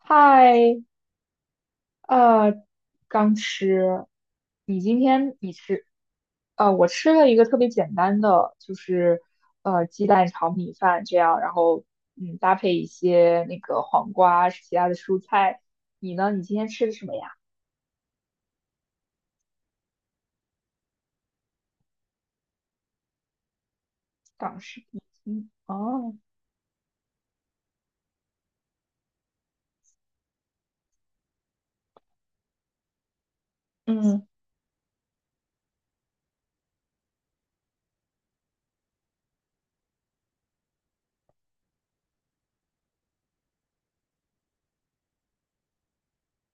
嗨，呃，刚吃，你今天你吃，我吃了一个特别简单的，就是鸡蛋炒米饭这样，然后搭配一些那个黄瓜其他的蔬菜。你呢？你今天吃的什么呀？港式点心哦，嗯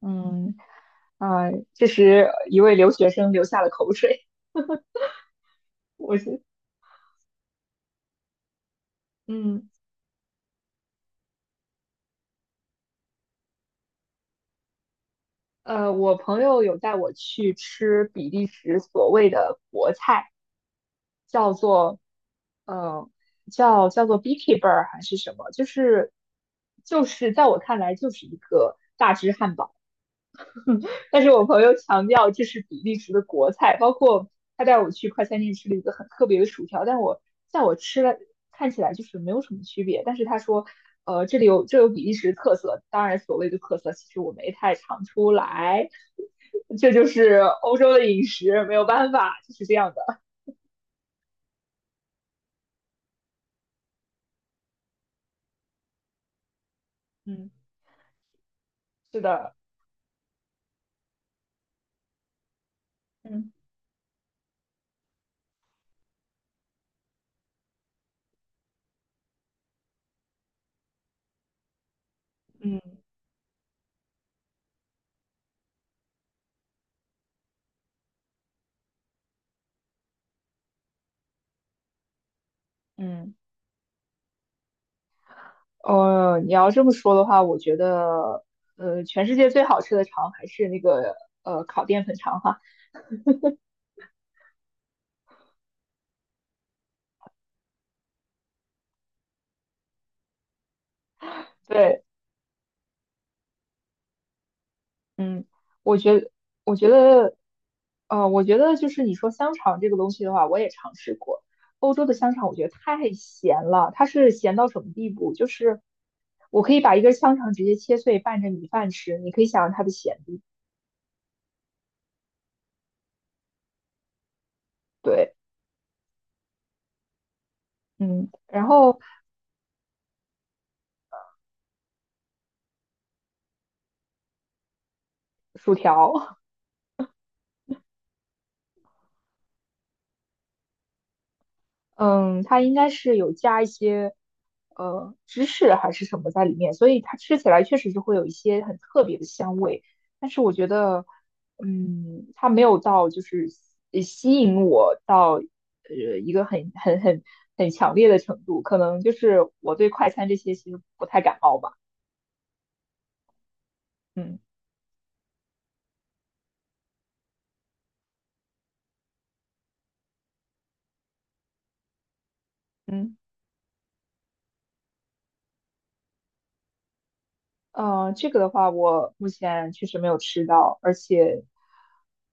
嗯，啊、这时一位留学生流下了口水。我是嗯。我朋友有带我去吃比利时所谓的国菜，叫做，呃，叫做 Beekeeper 还是什么，就是在我看来就是一个大只汉堡。但是我朋友强调这是比利时的国菜，包括他带我去快餐店吃了一个很特别的薯条，但我在我吃了看起来就是没有什么区别，但是他说，这里有比利时特色，当然所谓的特色其实我没太尝出来，这就是欧洲的饮食，没有办法，就是这样的。嗯，是的，嗯嗯嗯，你要这么说的话，我觉得，全世界最好吃的肠还是那个烤淀粉肠哈，对。嗯，我觉得，我觉得，我觉得就是你说香肠这个东西的话，我也尝试过。欧洲的香肠我觉得太咸了，它是咸到什么地步？就是我可以把一根香肠直接切碎拌着米饭吃，你可以想象它的咸度。对，嗯，然后薯条，嗯，它应该是有加一些芝士还是什么在里面，所以它吃起来确实是会有一些很特别的香味。但是我觉得，嗯，它没有到就是吸引我到一个很强烈的程度，可能就是我对快餐这些其实不太感冒吧。嗯嗯。这个的话，我目前确实没有吃到，而且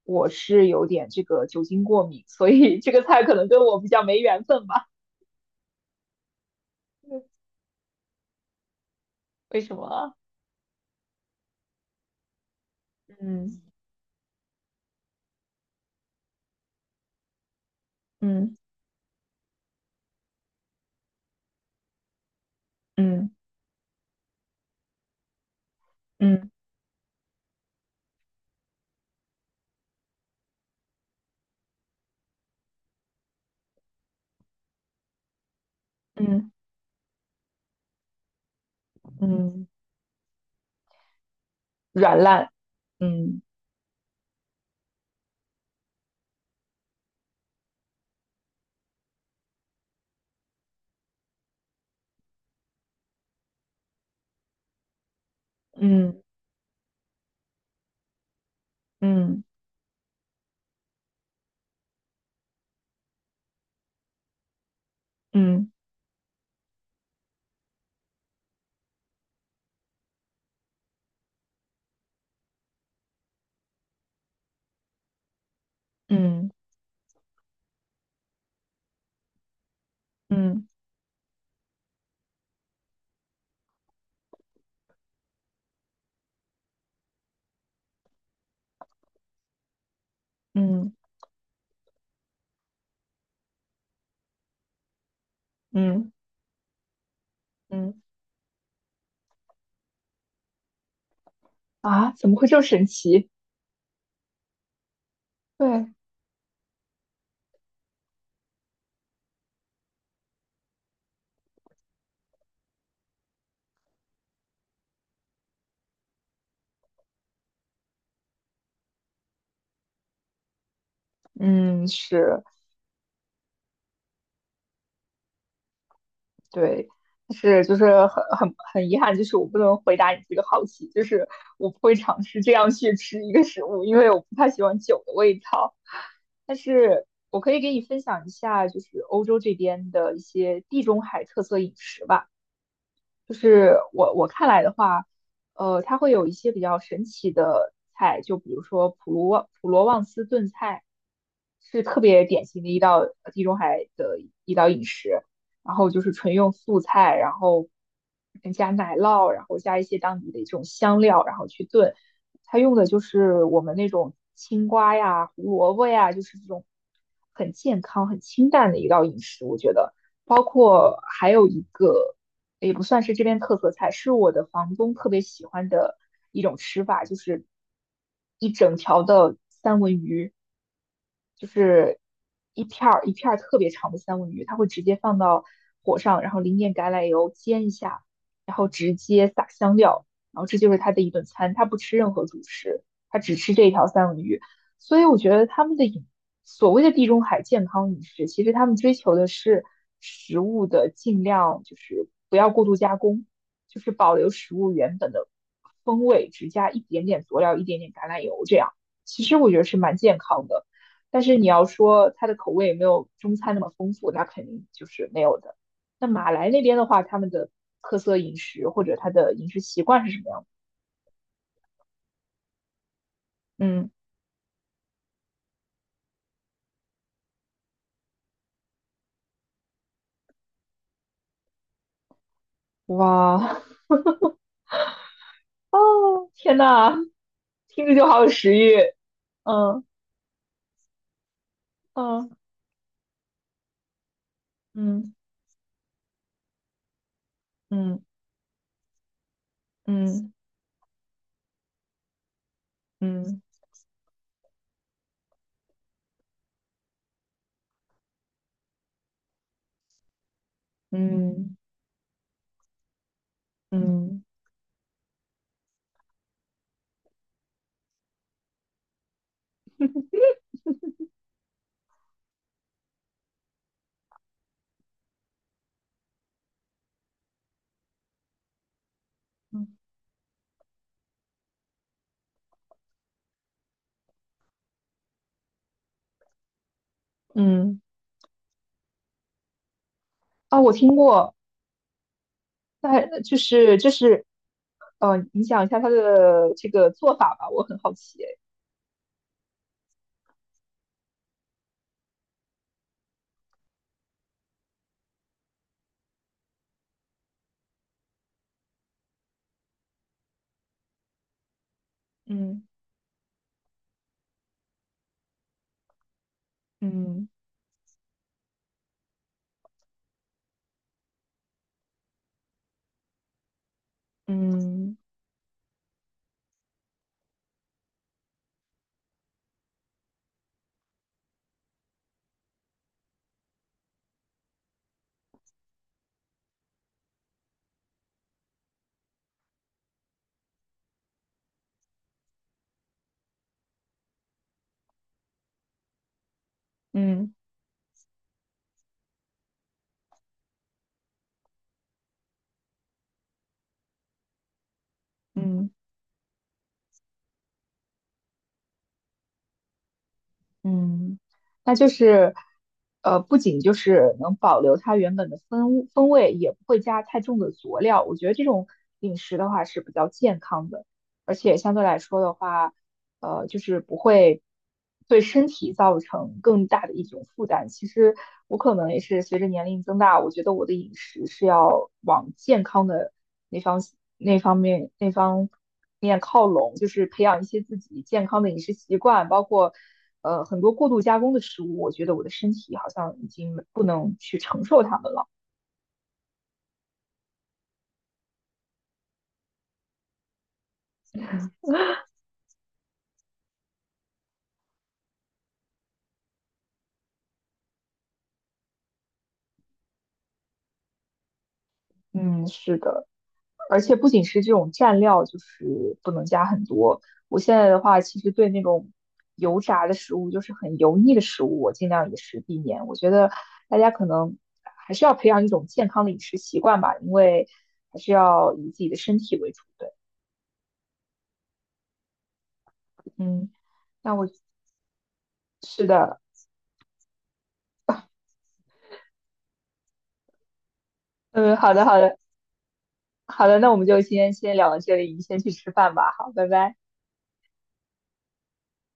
我是有点这个酒精过敏，所以这个菜可能跟我比较没缘分吧。为什么啊？嗯嗯嗯嗯嗯嗯，软烂。嗯嗯嗯嗯嗯嗯嗯嗯嗯嗯啊，怎么会这么神奇？对，嗯是。对，但是就是很遗憾，就是我不能回答你这个好奇，就是我不会尝试这样去吃一个食物，因为我不太喜欢酒的味道。但是我可以给你分享一下，就是欧洲这边的一些地中海特色饮食吧。就是我看来的话，它会有一些比较神奇的菜，就比如说普罗旺斯炖菜，是特别典型的一道地中海的一道饮食。然后就是纯用素菜，然后加奶酪，然后加一些当地的这种香料，然后去炖。它用的就是我们那种青瓜呀、胡萝卜呀，就是这种很健康、很清淡的一道饮食，我觉得。包括还有一个也不算是这边特色菜，是我的房东特别喜欢的一种吃法，就是一整条的三文鱼，就是一片儿一片儿特别长的三文鱼，它会直接放到火上，然后淋点橄榄油煎一下，然后直接撒香料，然后这就是他的一顿餐，他不吃任何主食，他只吃这一条三文鱼。所以我觉得他们的所谓的地中海健康饮食，其实他们追求的是食物的尽量就是不要过度加工，就是保留食物原本的风味，只加一点点佐料，一点点橄榄油这样。其实我觉得是蛮健康的，但是你要说它的口味有没有中餐那么丰富，那肯定就是没有的。那马来那边的话，他们的特色饮食或者他的饮食习惯是什么样的？嗯，哇，哦，天呐，听着就好有食欲。嗯嗯嗯嗯嗯嗯嗯嗯嗯嗯啊，我听过，但就是，你讲一下它的这个做法吧，我很好奇诶。嗯嗯嗯嗯嗯嗯，那就是，不仅就是能保留它原本的风味，也不会加太重的佐料。我觉得这种饮食的话是比较健康的，而且相对来说的话，就是不会对身体造成更大的一种负担。其实我可能也是随着年龄增大，我觉得我的饮食是要往健康的那方那方面靠拢，就是培养一些自己健康的饮食习惯，包括很多过度加工的食物，我觉得我的身体好像已经不能去承受它们了。嗯，是的，而且不仅是这种蘸料，就是不能加很多。我现在的话，其实对那种油炸的食物，就是很油腻的食物，我尽量也是避免。我觉得大家可能还是要培养一种健康的饮食习惯吧，因为还是要以自己的身体为主对。嗯，那我是的，嗯，好的，好的，好的，那我们就今天先聊到这里，你先去吃饭吧，好，拜拜。